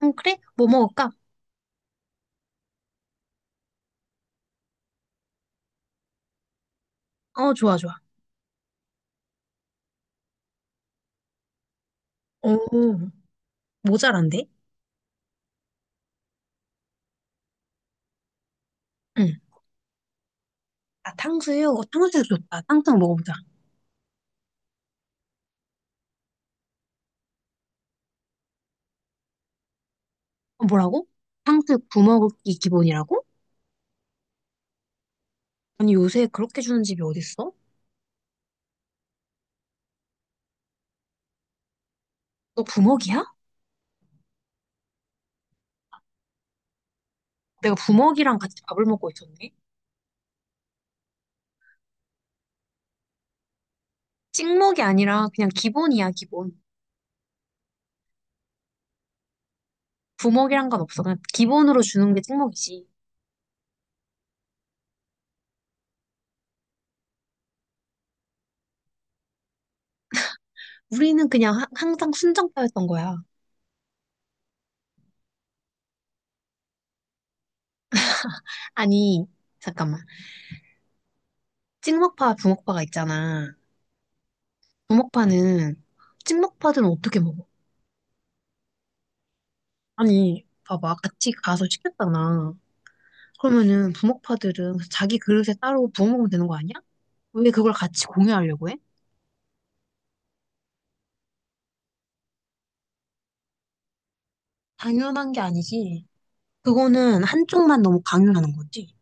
어, 그래? 뭐 먹을까? 어, 좋아, 좋아. 오, 모자란데? 응. 아, 탕수육? 어, 탕수육 좋다. 탕수육 먹어보자. 어, 뭐라고? 탕수육 부먹이 기본이라고? 아니, 요새 그렇게 주는 집이 어딨어? 너 부먹이야? 내가 부먹이랑 같이 밥을 먹고 있었네? 찍먹이 아니라 그냥 기본이야, 기본. 부먹이란 건 없어. 그냥 기본으로 주는 게 찍먹이지. 우리는 그냥 항상 순정파였던 거야. 아니, 잠깐만. 찍먹파, 부먹파가 있잖아. 부먹파는, 찍먹파들은 어떻게 먹어? 아니, 봐봐. 같이 가서 시켰잖아. 그러면은 부먹파들은 자기 그릇에 따로 부어 먹으면 되는 거 아니야? 왜 그걸 같이 공유하려고 해? 당연한 게 아니지. 그거는 한쪽만 너무 강요하는 거지.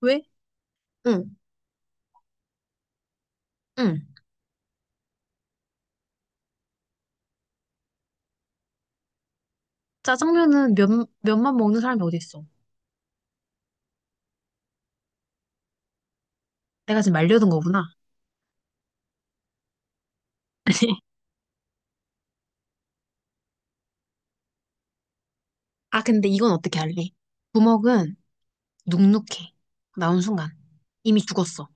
왜? 응, 응. 짜장면은 면만 먹는 사람이 어디 있어? 내가 지금 말려둔 거구나. 아니. 아, 근데 이건 어떻게 할래? 부먹은 눅눅해. 나온 순간. 이미 죽었어.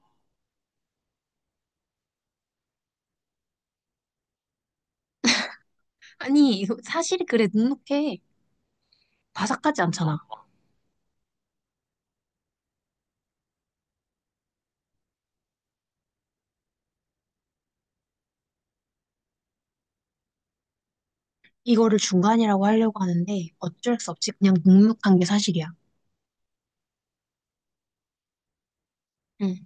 아니, 이거 사실이 그래, 눅눅해. 바삭하지 않잖아. 이거를 중간이라고 하려고 하는데 어쩔 수 없이 그냥 눅눅한 게 사실이야. 응.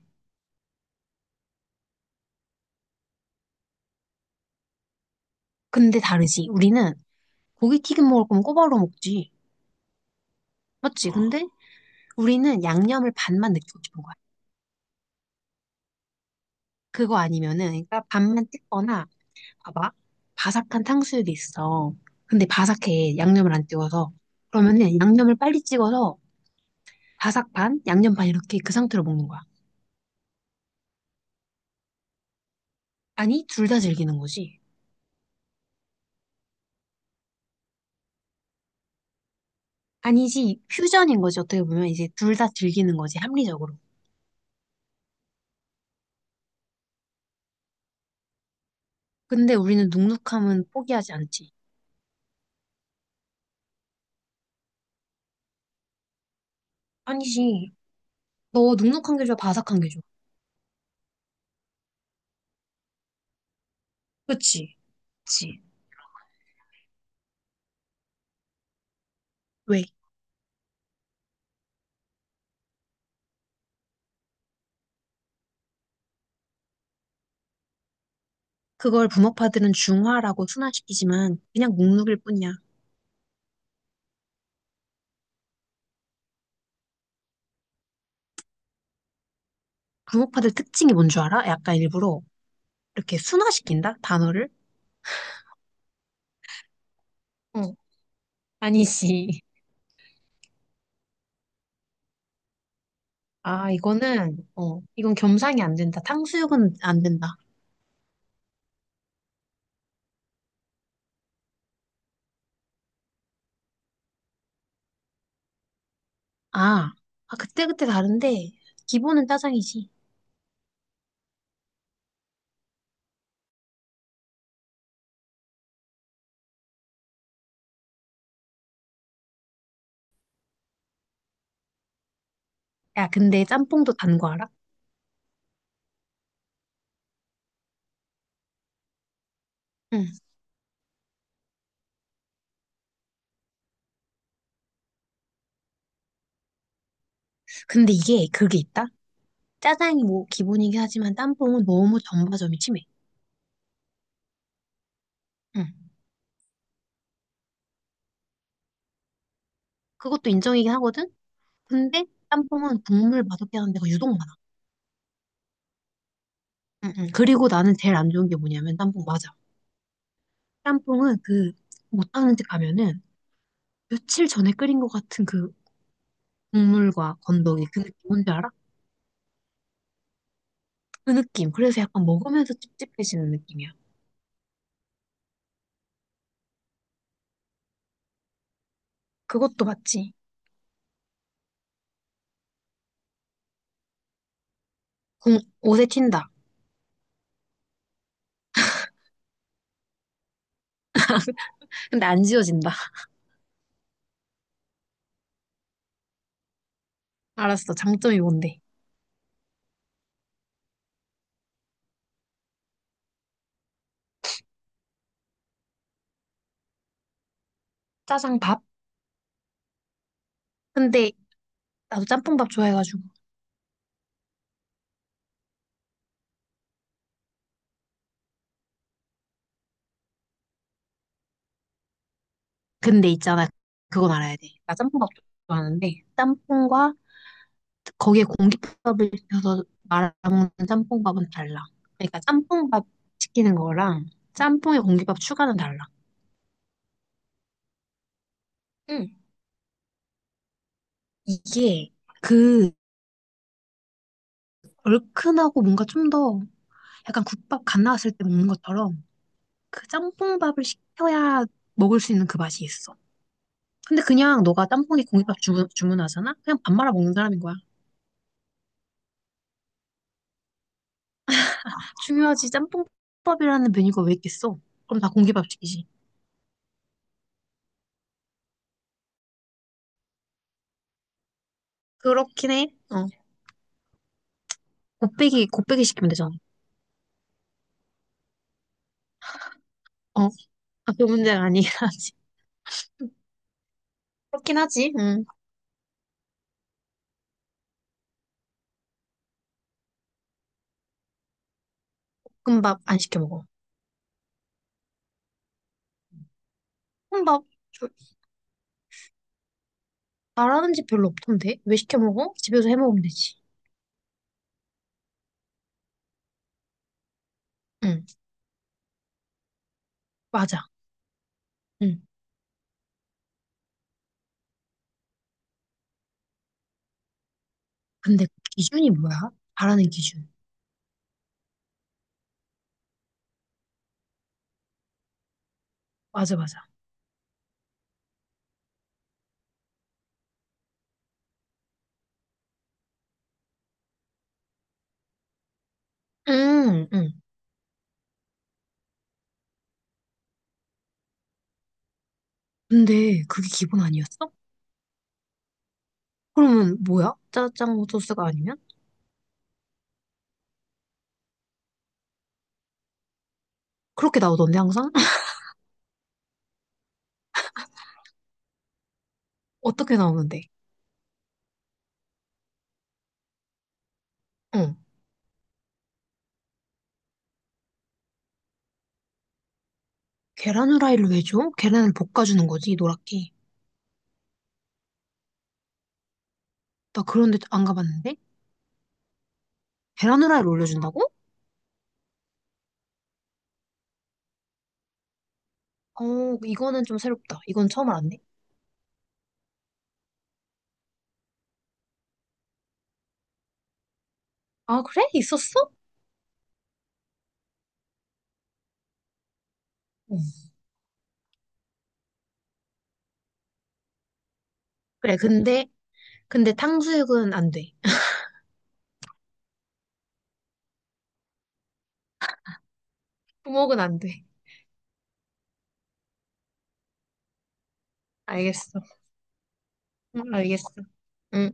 근데 다르지. 우리는 고기 튀김 먹을 거면 꼬바로 먹지. 맞지? 어, 근데 우리는 양념을 반만 느끼고 싶은 거야. 그거 아니면은, 그러니까 반만 뜯거나, 봐봐. 바삭한 탕수육이 있어. 근데 바삭해. 양념을 안 띄워서. 그러면은 양념을 빨리 찍어서 바삭 반, 양념 반 이렇게 그 상태로 먹는 거야. 아니, 둘 다 즐기는 거지. 아니지, 퓨전인 거지. 어떻게 보면 이제 둘 다 즐기는 거지. 합리적으로. 근데 우리는 눅눅함은 포기하지 않지. 아니지. 너 눅눅한 게 좋아, 바삭한 게 좋아? 그치? 그치? 왜? 그걸 부먹파들은 중화라고 순화시키지만 그냥 눅눅일 뿐이야. 부먹파들 특징이 뭔 줄 알아? 약간 일부러 이렇게 순화시킨다? 단어를? 어, 아니지. 아, 이거는, 어, 이건 겸상이 안 된다. 탕수육은 안 된다. 아, 아, 그때그때 다른데, 기본은 짜장이지. 야, 근데 짬뽕도 단 거 알아? 응. 근데 이게, 그게 있다? 짜장이 뭐 기본이긴 하지만 짬뽕은 너무 전바점이 심해. 응. 그것도 인정이긴 하거든? 근데 짬뽕은 국물 맛없게 하는 데가 유독 많아. 응, 응. 그리고 나는 제일 안 좋은 게 뭐냐면 짬뽕 맞아. 짬뽕은 그 못하는 집 가면은 며칠 전에 끓인 것 같은 그 국물과 건더기 그 느낌 뭔지 알아? 그 느낌. 그래서 약간 먹으면서 찝찝해지는 느낌이야. 그것도 맞지. 공, 옷에 튄다. 근데 안 지워진다. 알았어. 장점이 뭔데? 짜장밥? 근데 나도 짬뽕밥 좋아해가지고. 근데 있잖아. 그건 알아야 돼. 나 짬뽕밥 좋아하는데 짬뽕과 거기에 공깃밥을 넣어서 말아먹는 짬뽕밥은 달라. 그러니까 짬뽕밥 시키는 거랑 짬뽕에 공깃밥 추가는 달라. 응. 이게 그 얼큰하고 뭔가 좀 더 약간 국밥 갓 나왔을 때 먹는 것처럼 그 짬뽕밥을 시켜야 먹을 수 있는 그 맛이 있어. 근데 그냥 너가 짬뽕에 공깃밥 주문하잖아? 그냥 밥 말아 먹는 사람인 거야. 중요하지. 짬뽕밥이라는 메뉴가 왜 있겠어? 그럼 다 공기밥식이지. 그렇긴 해. 어. 곱빼기 시키면 되잖아. 어. 아, 그 문제가 아니긴 하지. 그렇긴 하지. 응. 볶음밥 안 시켜 먹어. 볶음밥 저- 잘하는 집 별로 없던데? 왜 시켜 먹어? 집에서 해 먹으면 되지. 응. 맞아. 응. 근데 기준이 뭐야? 잘하는 기준. 맞아, 맞아. 응, 응. 근데 그게 기본 아니었어? 그러면 뭐야? 짜장 소스가 아니면? 그렇게 나오던데, 항상? 어떻게 나오는데? 응. 계란 후라이를 왜 줘? 계란을 볶아주는 거지, 노랗게. 나 그런데 안 가봤는데? 계란 후라이를 올려준다고? 어, 이거는 좀 새롭다. 이건 처음 알았네. 아, 그래? 있었어? 응. 그래, 근데, 근데 탕수육은 안 돼. 부먹은 안 돼. 알겠어. 응, 알겠어. 응.